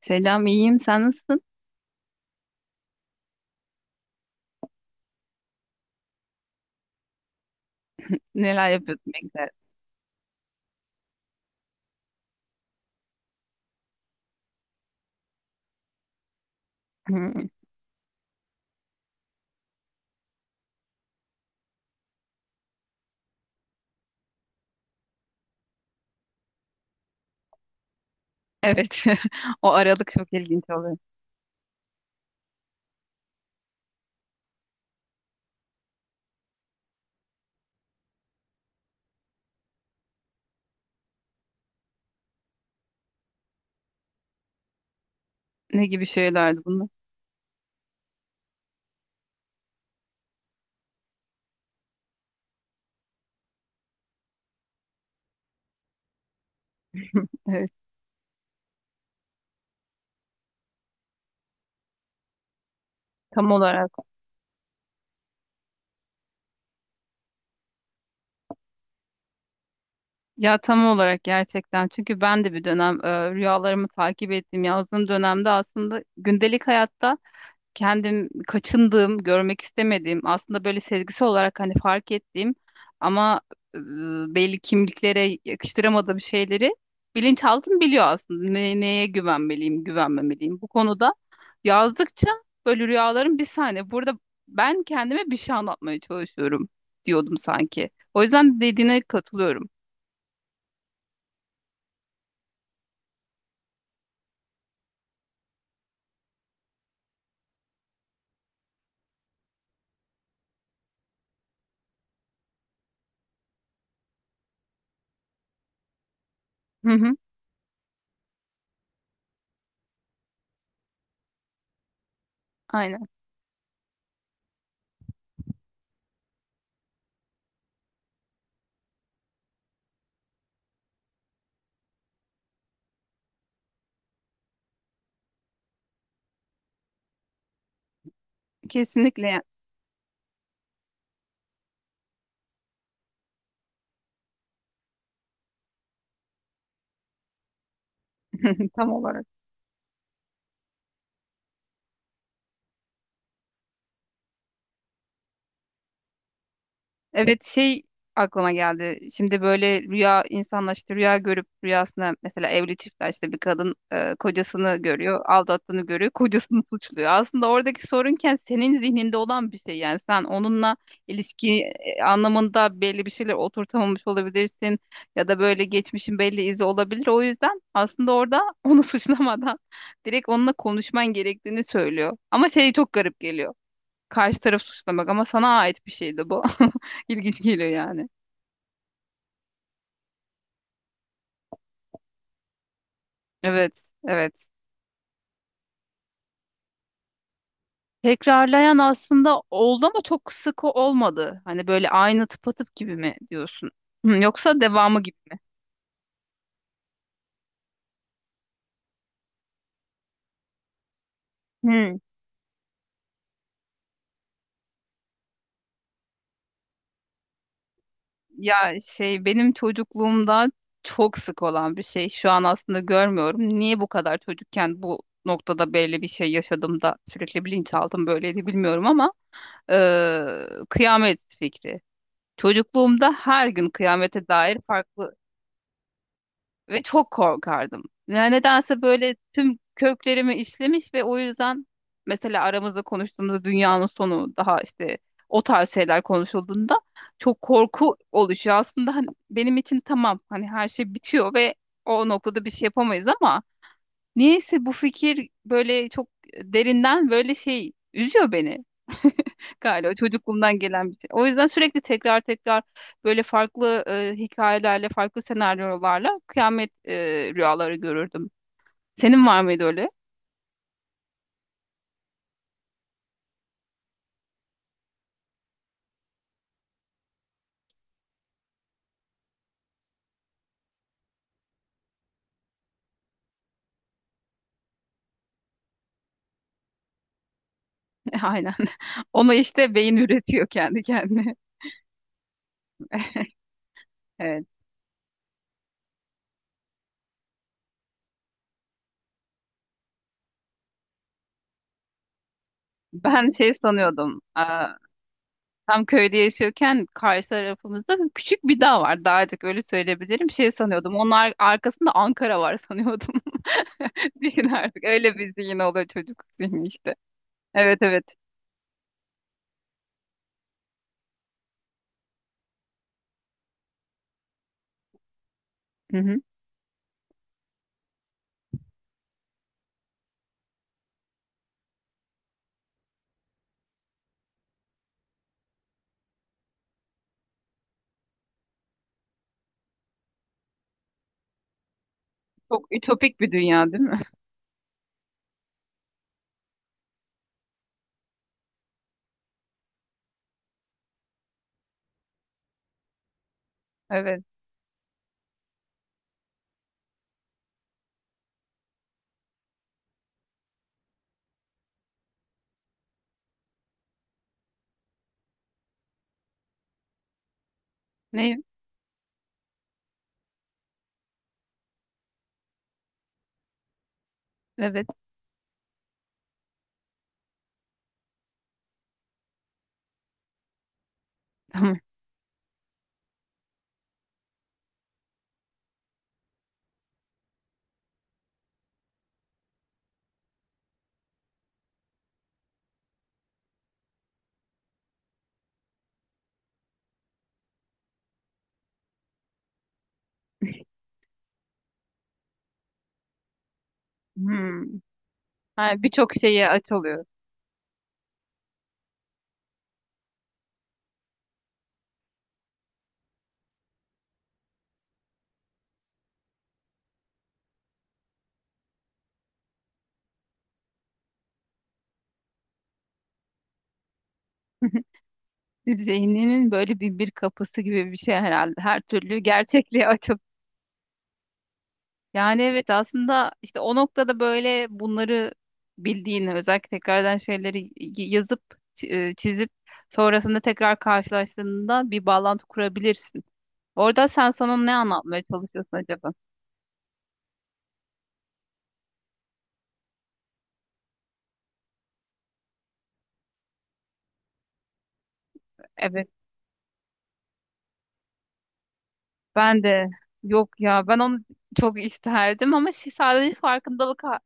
Selam, iyiyim. Sen nasılsın? Neler yapıyordun? Ne güzel. Hmm. Evet. O aralık çok ilginç oluyor. Ne gibi şeylerdi bunlar? Evet, tam olarak. Ya tam olarak gerçekten. Çünkü ben de bir dönem rüyalarımı takip ettim. Yazdığım dönemde aslında gündelik hayatta kendim kaçındığım, görmek istemediğim, aslında böyle sezgisi olarak hani fark ettiğim ama e, belli kimliklere yakıştıramadığım şeyleri bilinçaltım biliyor aslında. Ne, neye güvenmeliyim, güvenmemeliyim. Bu konuda yazdıkça böyle rüyalarım, bir saniye. Burada ben kendime bir şey anlatmaya çalışıyorum diyordum sanki. O yüzden dediğine katılıyorum. Hı hı, aynen. Kesinlikle yani. Tam olarak. Evet, şey aklıma geldi. Şimdi böyle rüya insanlar işte rüya görüp rüyasına, mesela evli çiftler işte, bir kadın kocasını görüyor, aldattığını görüyor, kocasını suçluyor. Aslında oradaki sorunken senin zihninde olan bir şey, yani sen onunla ilişki anlamında belli bir şeyler oturtamamış olabilirsin ya da böyle geçmişin belli izi olabilir. O yüzden aslında orada onu suçlamadan direkt onunla konuşman gerektiğini söylüyor. Ama şey çok garip geliyor. Karşı taraf suçlamak ama sana ait bir şeydi bu. İlginç geliyor yani. Evet, evet. Tekrarlayan aslında oldu ama çok sık olmadı. Hani böyle aynı, tıpatıp gibi mi diyorsun? Hı, yoksa devamı gibi mi? Hı. Ya şey, benim çocukluğumda çok sık olan bir şey. Şu an aslında görmüyorum. Niye bu kadar çocukken bu noktada belli bir şey yaşadım da sürekli bilinçaltım böyleydi bilmiyorum ama kıyamet fikri. Çocukluğumda her gün kıyamete dair farklı ve çok korkardım. Yani nedense böyle tüm köklerimi işlemiş ve o yüzden mesela aramızda konuştuğumuzda dünyanın sonu daha işte, o tarz şeyler konuşulduğunda çok korku oluşuyor. Aslında hani benim için tamam, hani her şey bitiyor ve o noktada bir şey yapamayız ama niyeyse bu fikir böyle çok derinden böyle şey, üzüyor beni. Galiba çocukluğumdan gelen bir şey. O yüzden sürekli tekrar tekrar böyle farklı hikayelerle, farklı senaryolarla kıyamet rüyaları görürdüm. Senin var mıydı öyle? Aynen. Onu işte beyin üretiyor kendi kendine. Evet. Ben şey sanıyordum. Aa, tam köyde yaşıyorken karşı tarafımızda küçük bir dağ var. Dağcık öyle söyleyebilirim. Şey sanıyordum. Onun arkasında Ankara var sanıyordum. Düşün artık. Öyle bir zihin oluyor, çocuk zihni işte. Evet, evet. Hı hı. Çok ütopik bir dünya değil mi? Evet. Ne? Evet. Tamam. Hmm. Ha, birçok şeye aç oluyor. Zihninin böyle bir kapısı gibi bir şey herhalde. Her türlü gerçekliğe aç. Yani evet, aslında işte o noktada böyle bunları bildiğini, özellikle tekrardan şeyleri yazıp çizip sonrasında tekrar karşılaştığında bir bağlantı kurabilirsin. Orada sen sana ne anlatmaya çalışıyorsun acaba? Evet, ben de. Yok ya, ben onu çok isterdim ama sadece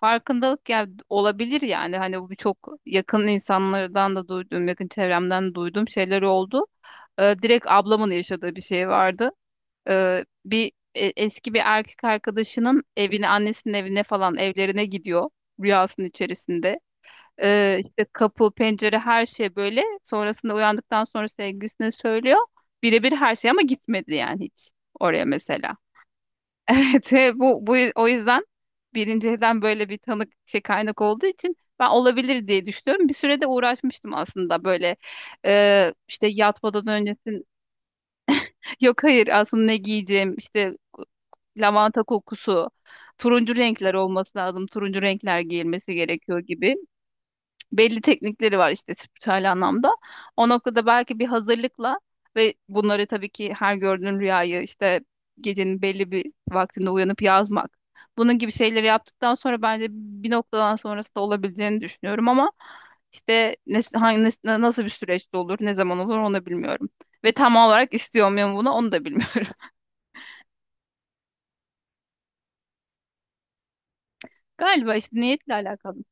farkındalık ya, olabilir yani. Hani bu çok yakın insanlardan da duyduğum, yakın çevremden duyduğum şeyler oldu. Direkt ablamın yaşadığı bir şey vardı. Bir eski bir erkek arkadaşının evine, annesinin evine falan, evlerine gidiyor rüyasının içerisinde. İşte kapı, pencere her şey böyle. Sonrasında uyandıktan sonra sevgilisine söylüyor. Birebir her şey, ama gitmedi yani hiç oraya mesela. Evet, bu, o yüzden birinci elden böyle bir tanık, şey, kaynak olduğu için ben olabilir diye düşünüyorum. Bir sürede uğraşmıştım aslında böyle, işte yatmadan öncesin. Yok, hayır, aslında ne giyeceğim işte, lavanta kokusu, turuncu renkler olması lazım. Turuncu renkler giyilmesi gerekiyor gibi. Belli teknikleri var işte, spiritüel anlamda. O noktada belki bir hazırlıkla, ve bunları tabii ki her gördüğün rüyayı işte gecenin belli bir vaktinde uyanıp yazmak. Bunun gibi şeyleri yaptıktan sonra bence bir noktadan sonrası da olabileceğini düşünüyorum ama işte ne, hangi, nasıl bir süreçte olur, ne zaman olur onu da bilmiyorum. Ve tam olarak istiyor muyum bunu, onu da bilmiyorum. Galiba işte niyetle alakalı.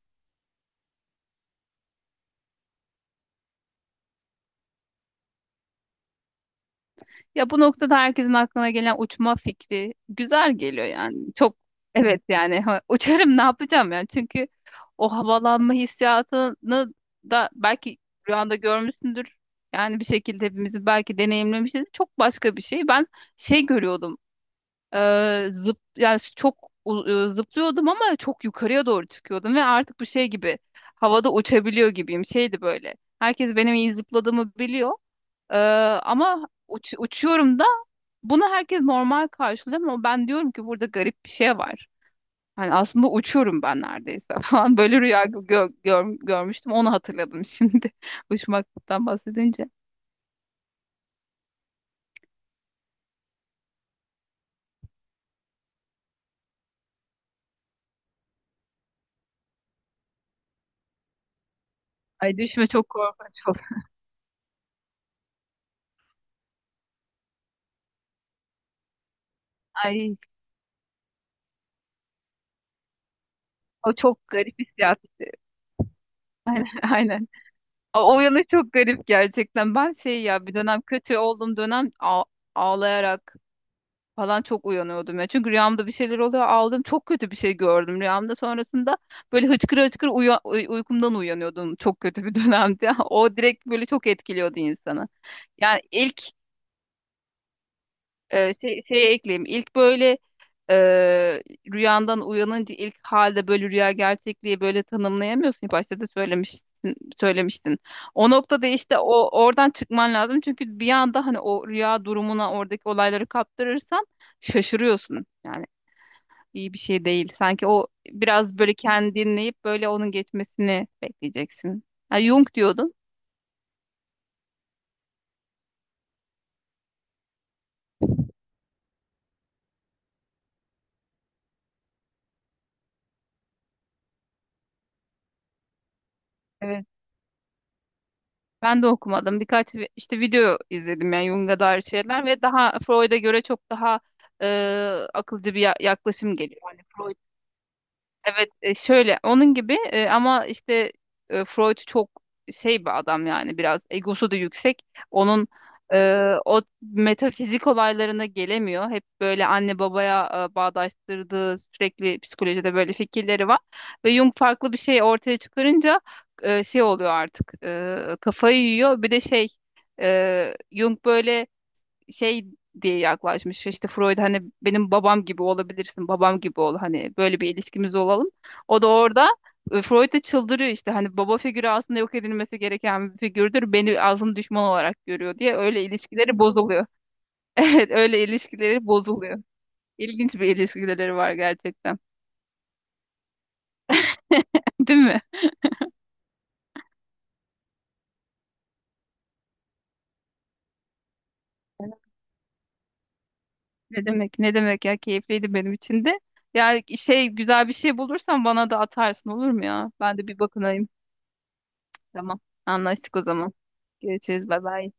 Ya bu noktada herkesin aklına gelen uçma fikri güzel geliyor yani. Çok, evet yani, ha, uçarım ne yapacağım yani. Çünkü o havalanma hissiyatını da belki rüyanda görmüşsündür. Yani bir şekilde hepimizi belki deneyimlemişiz. Çok başka bir şey. Ben şey görüyordum. Zıp, yani çok zıplıyordum ama çok yukarıya doğru çıkıyordum ve artık bu şey gibi, havada uçabiliyor gibiyim. Şeydi böyle. Herkes benim iyi zıpladığımı biliyor. E, Ama uçuyorum da, bunu herkes normal karşılıyor ama ben diyorum ki burada garip bir şey var. Hani aslında uçuyorum ben neredeyse falan. Böyle rüya görmüştüm. Onu hatırladım şimdi. Uçmaktan bahsedince. Ay, düşme çok korkunç oldu. Ay, o çok garip hissiyat. Aynen, aynen. O yanı çok garip gerçekten. Ben şey, ya bir dönem kötü olduğum dönem, ağlayarak falan çok uyanıyordum ya. Çünkü rüyamda bir şeyler oluyor. Ağladım. Çok kötü bir şey gördüm rüyamda. Sonrasında böyle hıçkıra hıçkıra uykumdan uyanıyordum. Çok kötü bir dönemdi. O direkt böyle çok etkiliyordu insanı. Yani ilk, şeye ekleyeyim. İlk böyle, e, rüyandan uyanınca ilk halde böyle rüya gerçekliği böyle tanımlayamıyorsun. Başta da söylemiştin, söylemiştin. O noktada işte o, oradan çıkman lazım. Çünkü bir anda hani o rüya durumuna, oradaki olayları kaptırırsan şaşırıyorsun. Yani iyi bir şey değil. Sanki o biraz böyle kendini dinleyip böyle onun geçmesini bekleyeceksin. Ha, Jung diyordun. Evet. Ben de okumadım. Birkaç işte video izledim, yani Jung'a dair şeyler, ve daha Freud'a göre çok daha e, akılcı bir yaklaşım geliyor. Yani, evet, şöyle onun gibi, ama işte Freud çok şey bir adam yani, biraz egosu da yüksek. Onun e, o metafizik olaylarına gelemiyor. Hep böyle anne babaya bağdaştırdığı, sürekli psikolojide böyle fikirleri var. Ve Jung farklı bir şey ortaya çıkarınca şey oluyor artık, kafayı yiyor. Bir de şey, Jung böyle şey diye yaklaşmış. İşte Freud, hani benim babam gibi olabilirsin, babam gibi ol, hani böyle bir ilişkimiz olalım. O da orada Freud da çıldırıyor işte, hani baba figürü aslında yok edilmesi gereken bir figürdür. Beni aslında düşman olarak görüyor diye, öyle ilişkileri bozuluyor. Evet, öyle ilişkileri bozuluyor. İlginç bir ilişkileri var gerçekten. Değil mi? Ne demek? Ne demek ya, keyifliydi benim için de. Yani şey, güzel bir şey bulursan bana da atarsın olur mu ya? Ben de bir bakınayım. Tamam. Anlaştık o zaman. Görüşürüz. Bay bay.